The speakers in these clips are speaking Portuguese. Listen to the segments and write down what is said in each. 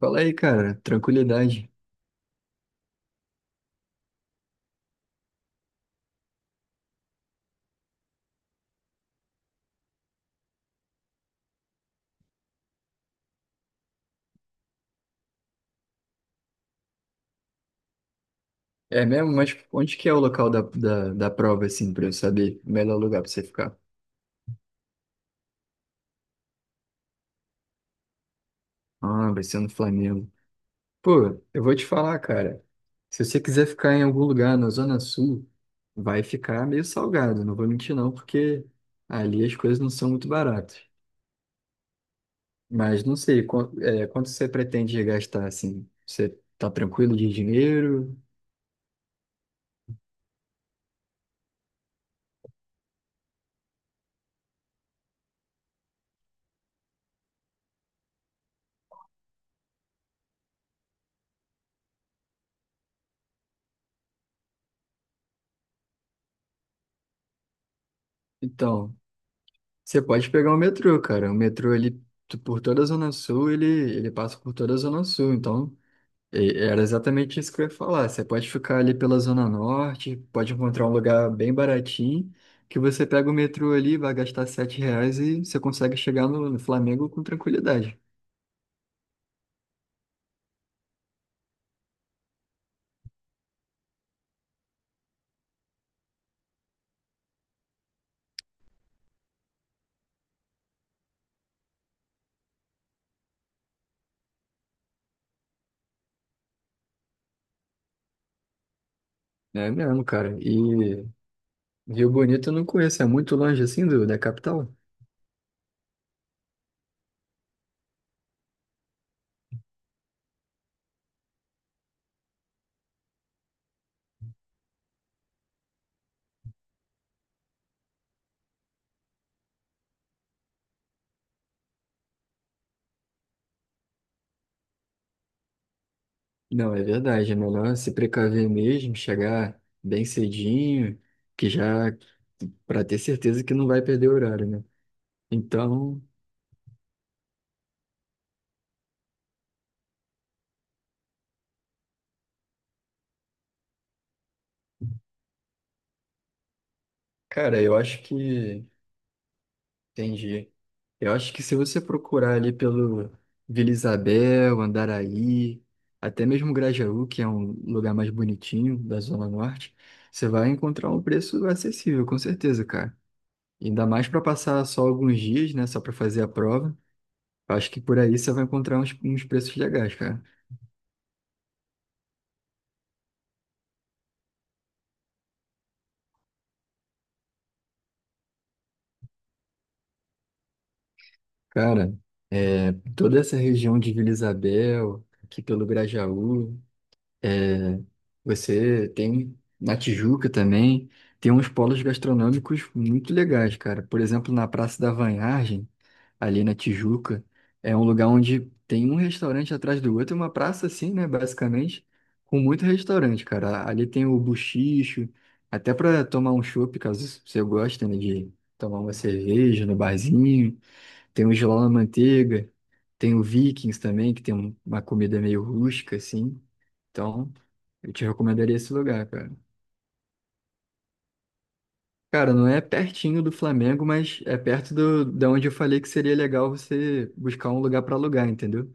Fala aí, cara, tranquilidade. É mesmo? Mas onde que é o local da prova, assim, pra eu saber o melhor lugar pra você ficar? Ah, vai ser no Flamengo. Pô, eu vou te falar, cara. Se você quiser ficar em algum lugar na Zona Sul, vai ficar meio salgado, não vou mentir não, porque ali as coisas não são muito baratas. Mas não sei, quanto você pretende gastar, assim? Você tá tranquilo de dinheiro? Então. Você pode pegar o metrô, cara. O metrô, ele, por toda a Zona Sul, ele passa por toda a Zona Sul. Então, era exatamente isso que eu ia falar. Você pode ficar ali pela Zona Norte, pode encontrar um lugar bem baratinho, que você pega o metrô ali, vai gastar R$ 7 e você consegue chegar no Flamengo com tranquilidade. É mesmo, cara. E Rio Bonito eu não conheço. É muito longe, assim, da capital? Não, é verdade. É melhor se precaver mesmo, chegar bem cedinho, que já para ter certeza que não vai perder o horário, né? Então, cara, eu acho que entendi. Eu acho que se você procurar ali pelo Vila Isabel, Andaraí, até mesmo Grajaú, que é um lugar mais bonitinho da Zona Norte, você vai encontrar um preço acessível, com certeza, cara. Ainda mais para passar só alguns dias, né? Só para fazer a prova. Acho que por aí você vai encontrar uns preços legais, cara. Cara, é, toda essa região de Vila Isabel, aqui pelo Grajaú, é, você tem na Tijuca também, tem uns polos gastronômicos muito legais, cara. Por exemplo, na Praça da Vanhagem, ali na Tijuca. É um lugar onde tem um restaurante atrás do outro, uma praça assim, né, basicamente, com muito restaurante, cara. Ali tem o Buchicho, até para tomar um chopp, caso você goste, né, de tomar uma cerveja no barzinho. Tem o Giló na Manteiga, tem o Vikings também, que tem uma comida meio rústica, assim. Então, eu te recomendaria esse lugar, cara. Cara, não é pertinho do Flamengo, mas é perto da onde eu falei que seria legal você buscar um lugar para alugar, entendeu?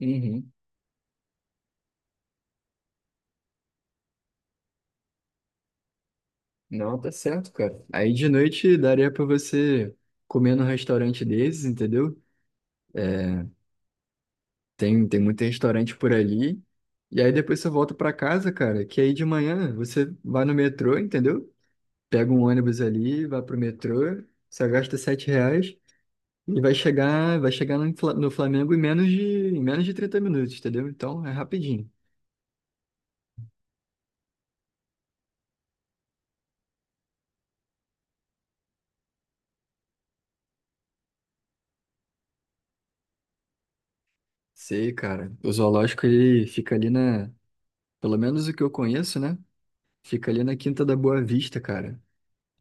Uhum. Não, tá certo, cara. Aí de noite daria pra você comer num restaurante desses, entendeu? É, tem muito restaurante por ali. E aí depois você volta pra casa, cara, que aí de manhã você vai no metrô, entendeu? Pega um ônibus ali, vai pro metrô, só gasta R$ 7 e vai chegar no Flamengo em em menos de 30 minutos, entendeu? Então é rapidinho. Sei, cara. O zoológico ele fica ali na, pelo menos o que eu conheço, né? Fica ali na Quinta da Boa Vista, cara.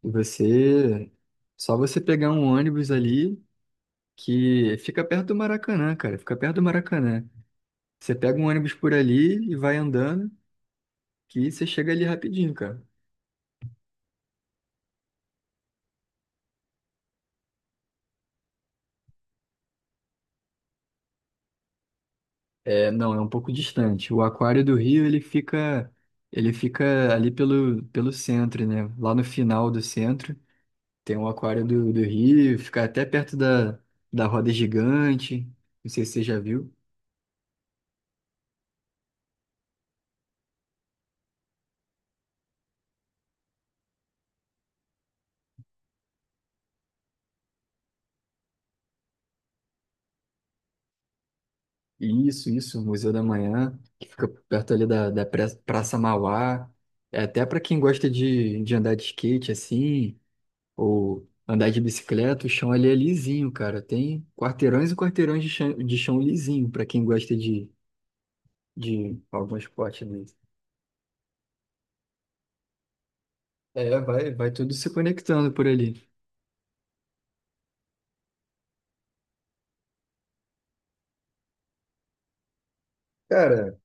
E você. Só você pegar um ônibus ali que fica perto do Maracanã, cara. Fica perto do Maracanã. Você pega um ônibus por ali e vai andando, que você chega ali rapidinho, cara. É, não, é um pouco distante. O Aquário do Rio, ele fica. Ele fica ali pelo, pelo centro, né? Lá no final do centro. Tem o Aquário do Rio, fica até perto da, da roda gigante. Não sei se você já viu. Isso, Museu da Manhã, que fica perto ali da, da Praça Mauá. É até para quem gosta de andar de skate assim, ou andar de bicicleta, o chão ali é lisinho, cara. Tem quarteirões e quarteirões de chão lisinho para quem gosta de algum esporte mesmo. É, vai tudo se conectando por ali. Cara,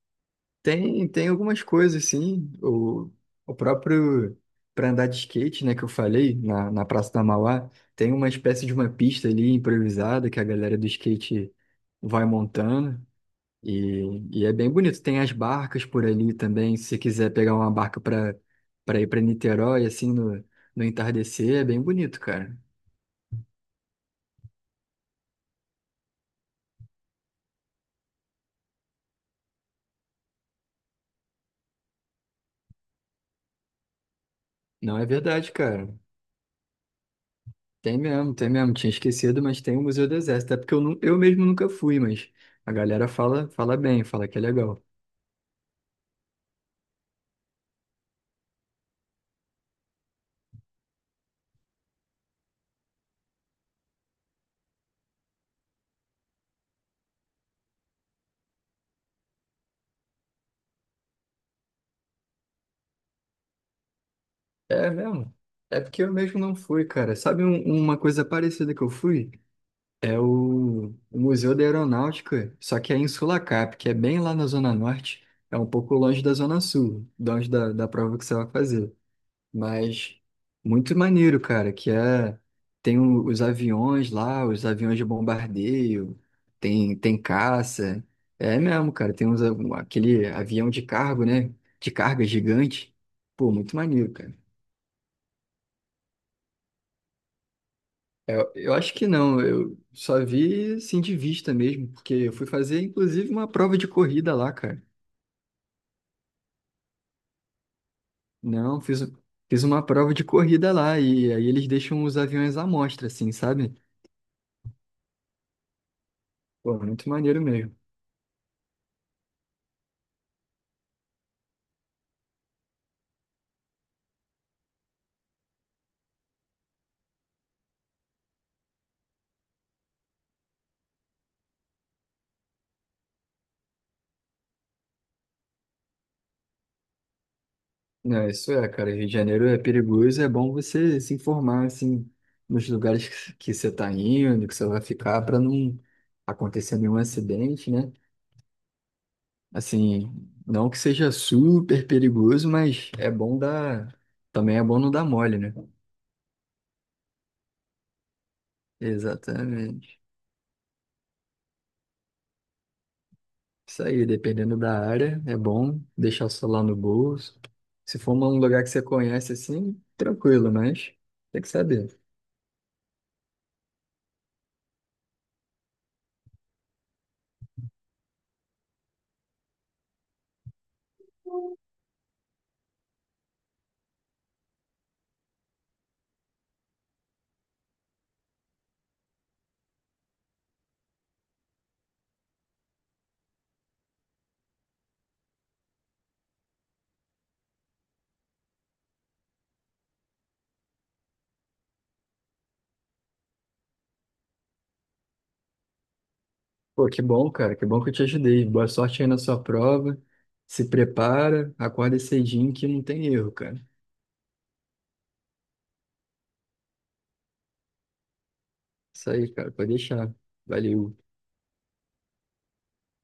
Tem algumas coisas, sim. O próprio para andar de skate, né, que eu falei, na Praça da Mauá, tem uma espécie de uma pista ali improvisada que a galera do skate vai montando. E, e é bem bonito. Tem as barcas por ali também. Se você quiser pegar uma barca para ir para Niterói, assim, no entardecer, é bem bonito, cara. Não é verdade, cara. Tem mesmo, tem mesmo. Tinha esquecido, mas tem o Museu do Exército. É porque eu, eu mesmo nunca fui, mas a galera fala, fala bem, fala que é legal. É mesmo. É porque eu mesmo não fui, cara. Sabe uma coisa parecida que eu fui? É o Museu da Aeronáutica, só que é em Sulacap, que é bem lá na Zona Norte. É um pouco longe da Zona Sul, longe da, da prova que você vai fazer. Mas muito maneiro, cara, que é os aviões lá, os aviões de bombardeio, tem caça. É mesmo, cara, aquele avião de cargo, né? De carga gigante. Pô, muito maneiro, cara. Eu acho que não, eu só vi assim de vista mesmo, porque eu fui fazer inclusive uma prova de corrida lá, cara. Não, fiz uma prova de corrida lá e aí eles deixam os aviões à mostra, assim, sabe? Pô, muito maneiro mesmo. Não, isso é, cara. Rio de Janeiro é perigoso, é bom você se informar, assim, nos lugares que você está indo, que você vai ficar, para não acontecer nenhum acidente, né? Assim, não que seja super perigoso, mas é bom dar. Também é bom não dar mole, né? Exatamente. Isso aí, dependendo da área, é bom deixar o celular no bolso. Se for um lugar que você conhece, assim, tranquilo, mas tem que saber. Pô, que bom, cara. Que bom que eu te ajudei. Boa sorte aí na sua prova. Se prepara, acorda cedinho que não tem erro, cara. Isso aí, cara. Pode deixar. Valeu.